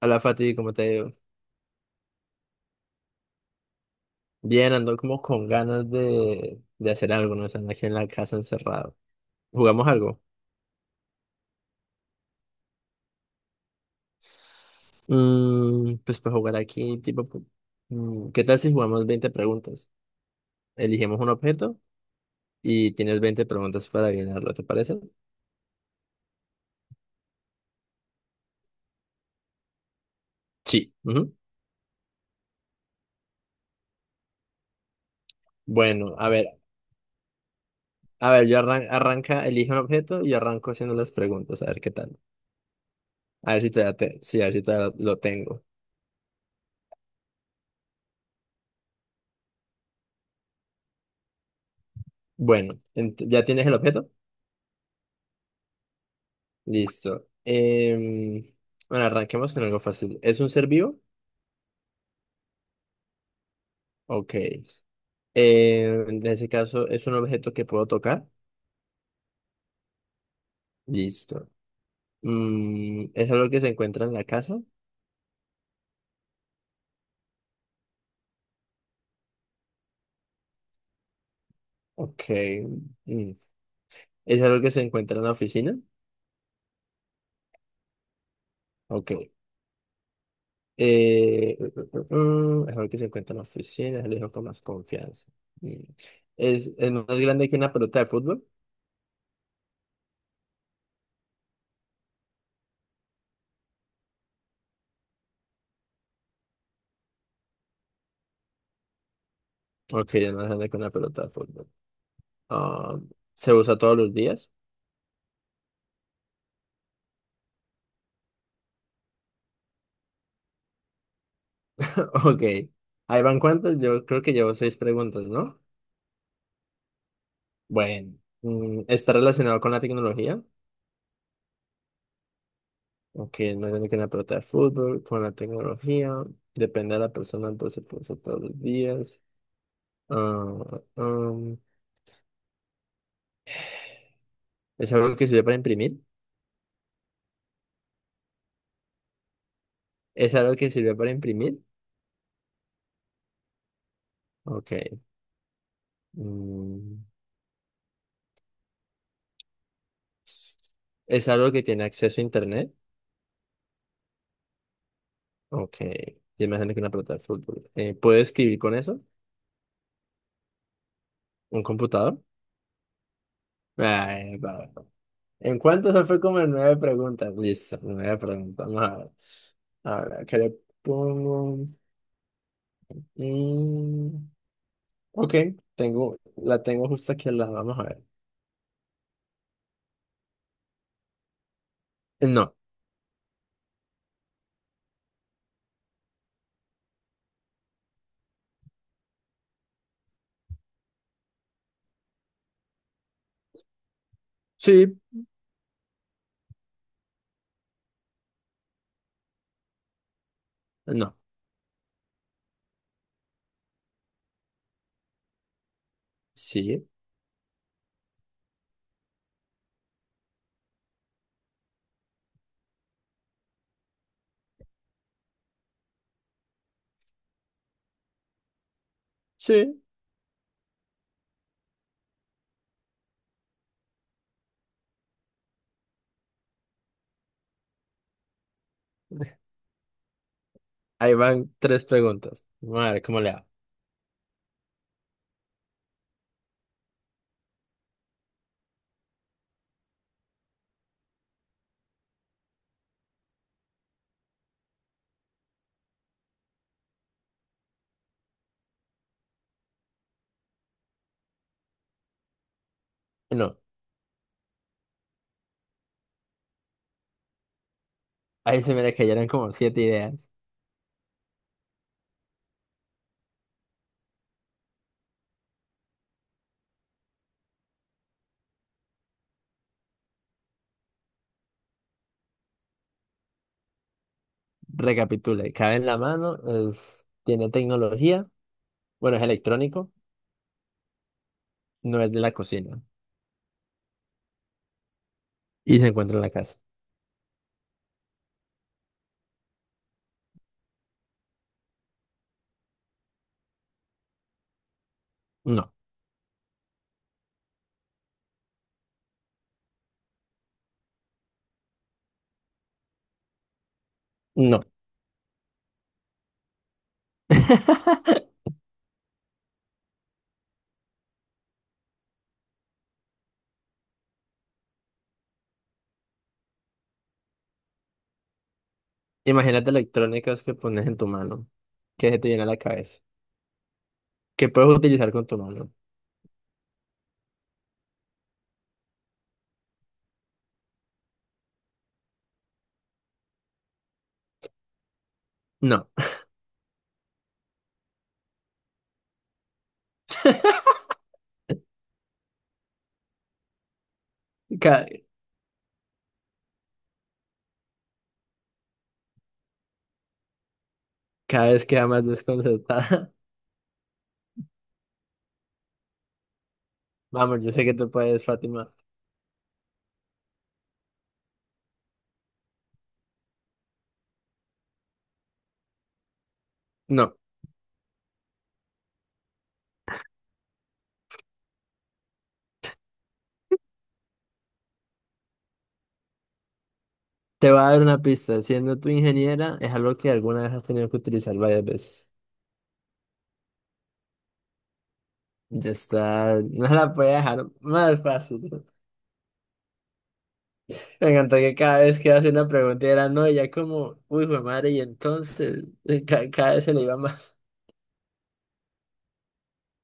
Hola Fati, ¿cómo te digo? Bien, ando como con ganas de hacer algo, ¿no? Están aquí en la casa encerrado. ¿Jugamos algo? Pues para jugar aquí, tipo, ¿qué tal si jugamos 20 preguntas? Elegimos un objeto y tienes 20 preguntas para adivinarlo, ¿te parece? Sí. Ujú. Bueno, a ver, yo arranca, elige un objeto y yo arranco haciendo las preguntas, a ver qué tal. A ver si todavía te, sí, a ver si todavía lo tengo. Bueno, ¿ya tienes el objeto? Listo. Bueno, arranquemos con algo fácil. ¿Es un ser vivo? Ok. En ese caso, ¿es un objeto que puedo tocar? Listo. ¿Es algo que se encuentra en la casa? Ok. Mm, ¿Es algo que se encuentra en la oficina? Ok. ¿Es algo que se encuentra en la oficina? Se lo digo con más confianza. Mm. ¿Es más grande que una pelota de fútbol? Ok, es más grande que una pelota de fútbol. Ah, ¿se usa todos los días? Ok, ahí van cuántas, yo creo que llevo seis preguntas, ¿no? Bueno, ¿está relacionado con la tecnología? Ok, no tiene que una pelota de fútbol, con la tecnología, depende de la persona, entonces puede ser todos los días. Ah, um, ¿Es algo que sirve para imprimir? ¿Es algo que sirve para imprimir? Ok. mm, ¿Es algo que tiene acceso a internet? Ok, yo me imagino que una pelota de fútbol. ¿Puedo escribir con eso? ¿Un computador? Ay, va. ¿En cuánto se fue como en nueve preguntas? Listo, nueve preguntas. Vamos a ver. Ahora, ¿qué le pongo? Mm, ok, la tengo justo aquí al lado. Vamos a ver. No, sí, no, sí, sí. Ahí van tres preguntas. Vamos a ver cómo le hago. No, ahí se me le cayeron como siete ideas. Recapitule, cabe en la mano, tiene tecnología, bueno, es electrónico, no es de la cocina y se encuentra en la casa. No, no. Imagínate electrónicas que pones en tu mano, que se te llena la cabeza, que puedes utilizar con tu mano. No, cada, cada vez queda más desconcertada. Vamos, yo sé que tú puedes, Fátima. No, te voy a dar una pista. Siendo tu ingeniera, es algo que alguna vez has tenido que utilizar varias veces. Ya está, no la puedo dejar más fácil. Me encantó que cada vez que hace una pregunta era no, y ya como, uy, jue madre, y entonces cada vez se le iba más.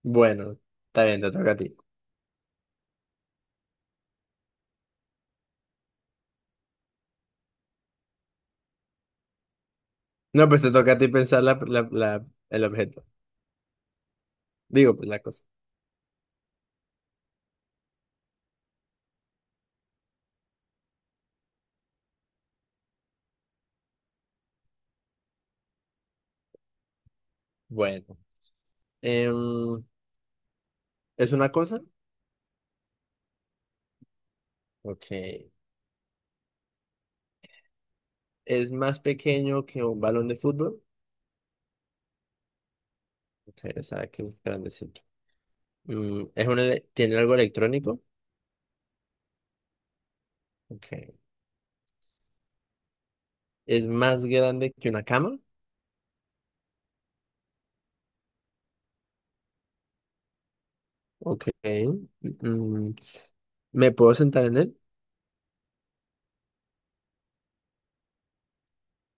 Bueno, está bien, te toca a ti. No, pues te toca a ti pensar el objeto. Digo, pues la cosa. Bueno, em, ¿es una cosa? Ok. ¿Es más pequeño que un balón de fútbol? Ok, o sea, que es grandecito. ¿Tiene algo electrónico? Ok. ¿Es más grande que una cama? Ok. Mm, ¿Me puedo sentar en él?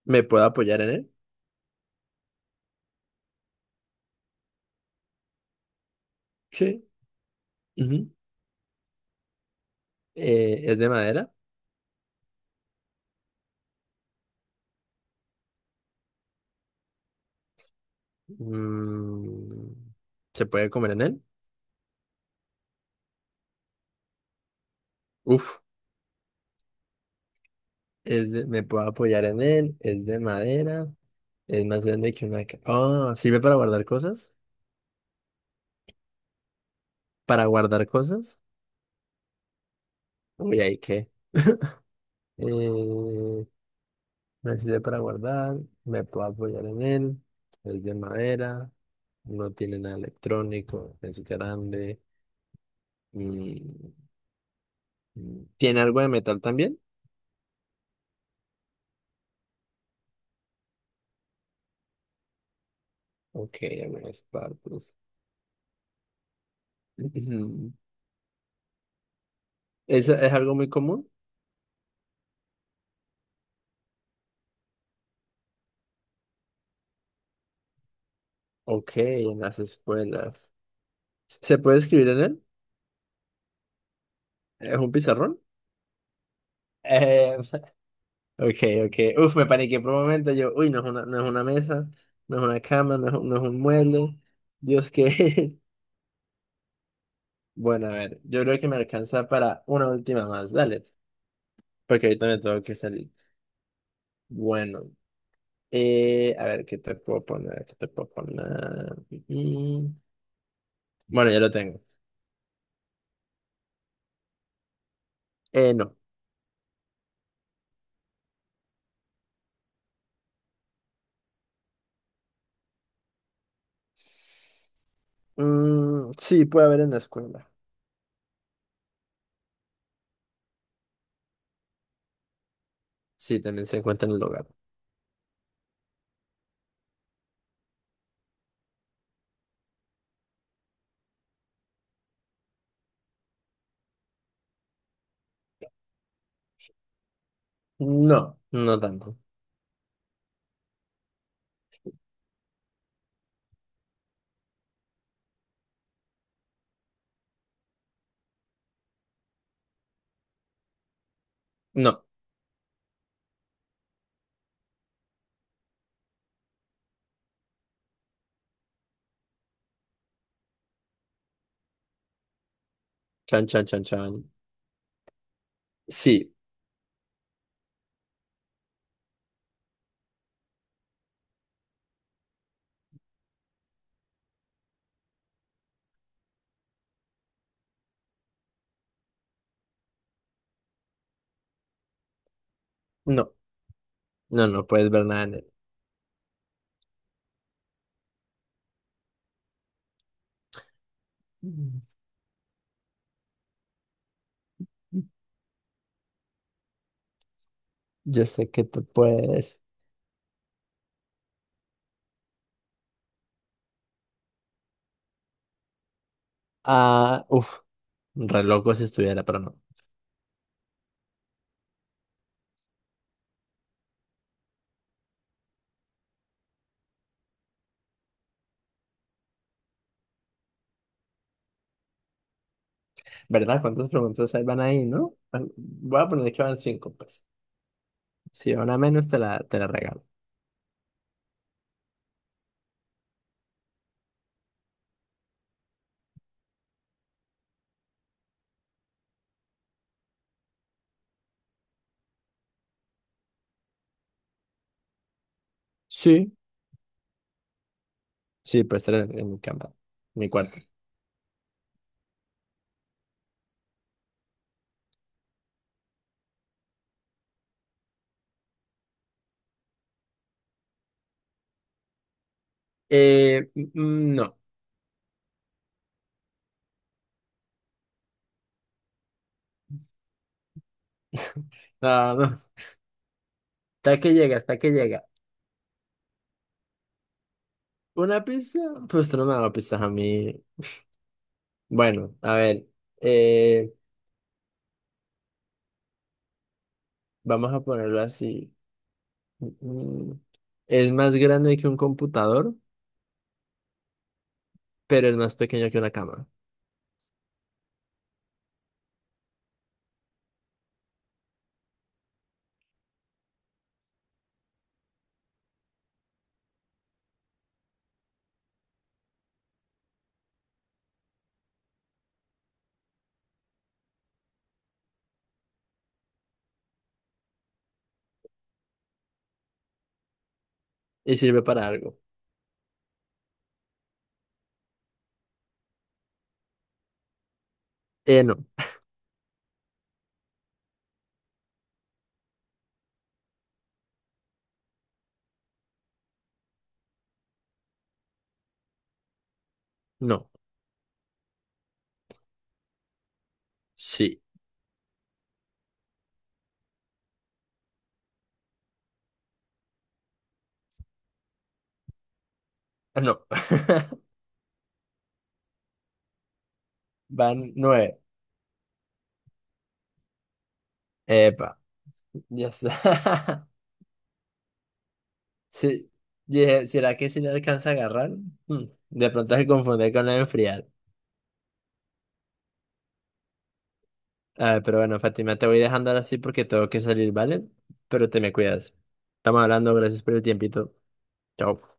¿Me puedo apoyar en él? Sí. Ujú. ¿Es de madera? Mm, ¿Se puede comer en él? Uf. Me puedo apoyar en él, es de madera. Es más grande que una... ca- Ah, ¿sirve para guardar cosas? ¿Para guardar cosas? Uy, ¿ahí qué? Eh, me sirve para guardar, me puedo apoyar en él, es de madera, no tiene nada electrónico, es grande, mm, ¿tiene algo de metal también? Ok, algunas partes. Ujú. ¿Es algo muy común? Ok, en las escuelas. ¿Se puede escribir en él? ¿Es un pizarrón? Eh, ok, ok. Uf, me paniqué por un momento. Yo, uy, no es una mesa, no es una cama, no es un mueble. Dios, que. Bueno, a ver, yo creo que me alcanza para una última más. Dale, porque ahorita me tengo que salir. Bueno, a ver, ¿qué te puedo poner? ¿Qué te puedo poner? Mm, bueno, ya lo tengo. No. Mm, sí, puede haber en la escuela. Sí, también se encuentra en el hogar. No, no tanto. No. Chan, chan, chan, chan. Sí. No. No, no puedes ver nada en él. Yo sé que tú puedes. Ah, uf, re loco si estuviera, pero no. ¿Verdad? ¿Cuántas preguntas hay van ahí, no? Bueno, voy a poner que van cinco, pues. Si van a menos, te la regalo. Sí, sí, pues tres en mi cama, en mi cuarto. Mm, no, no. Ah, no. Hasta que llega, hasta que llega. ¿Una pista? Pues tú no me das pistas a mí. Bueno, a ver. Eh, vamos a ponerlo así. Mm, Es más grande que un computador, pero es más pequeño que una cama. Y sirve para algo. No. No. Sí. Ah, no. Van nueve. Epa. Ya está. Sí. Dije, ¿será que si le alcanza a agarrar? Mm, De pronto se confunde con la de enfriar. Ah, pero bueno, Fátima, te voy dejando ahora sí porque tengo que salir, ¿vale? Pero te me cuidas. Estamos hablando, gracias por el tiempito. Chao.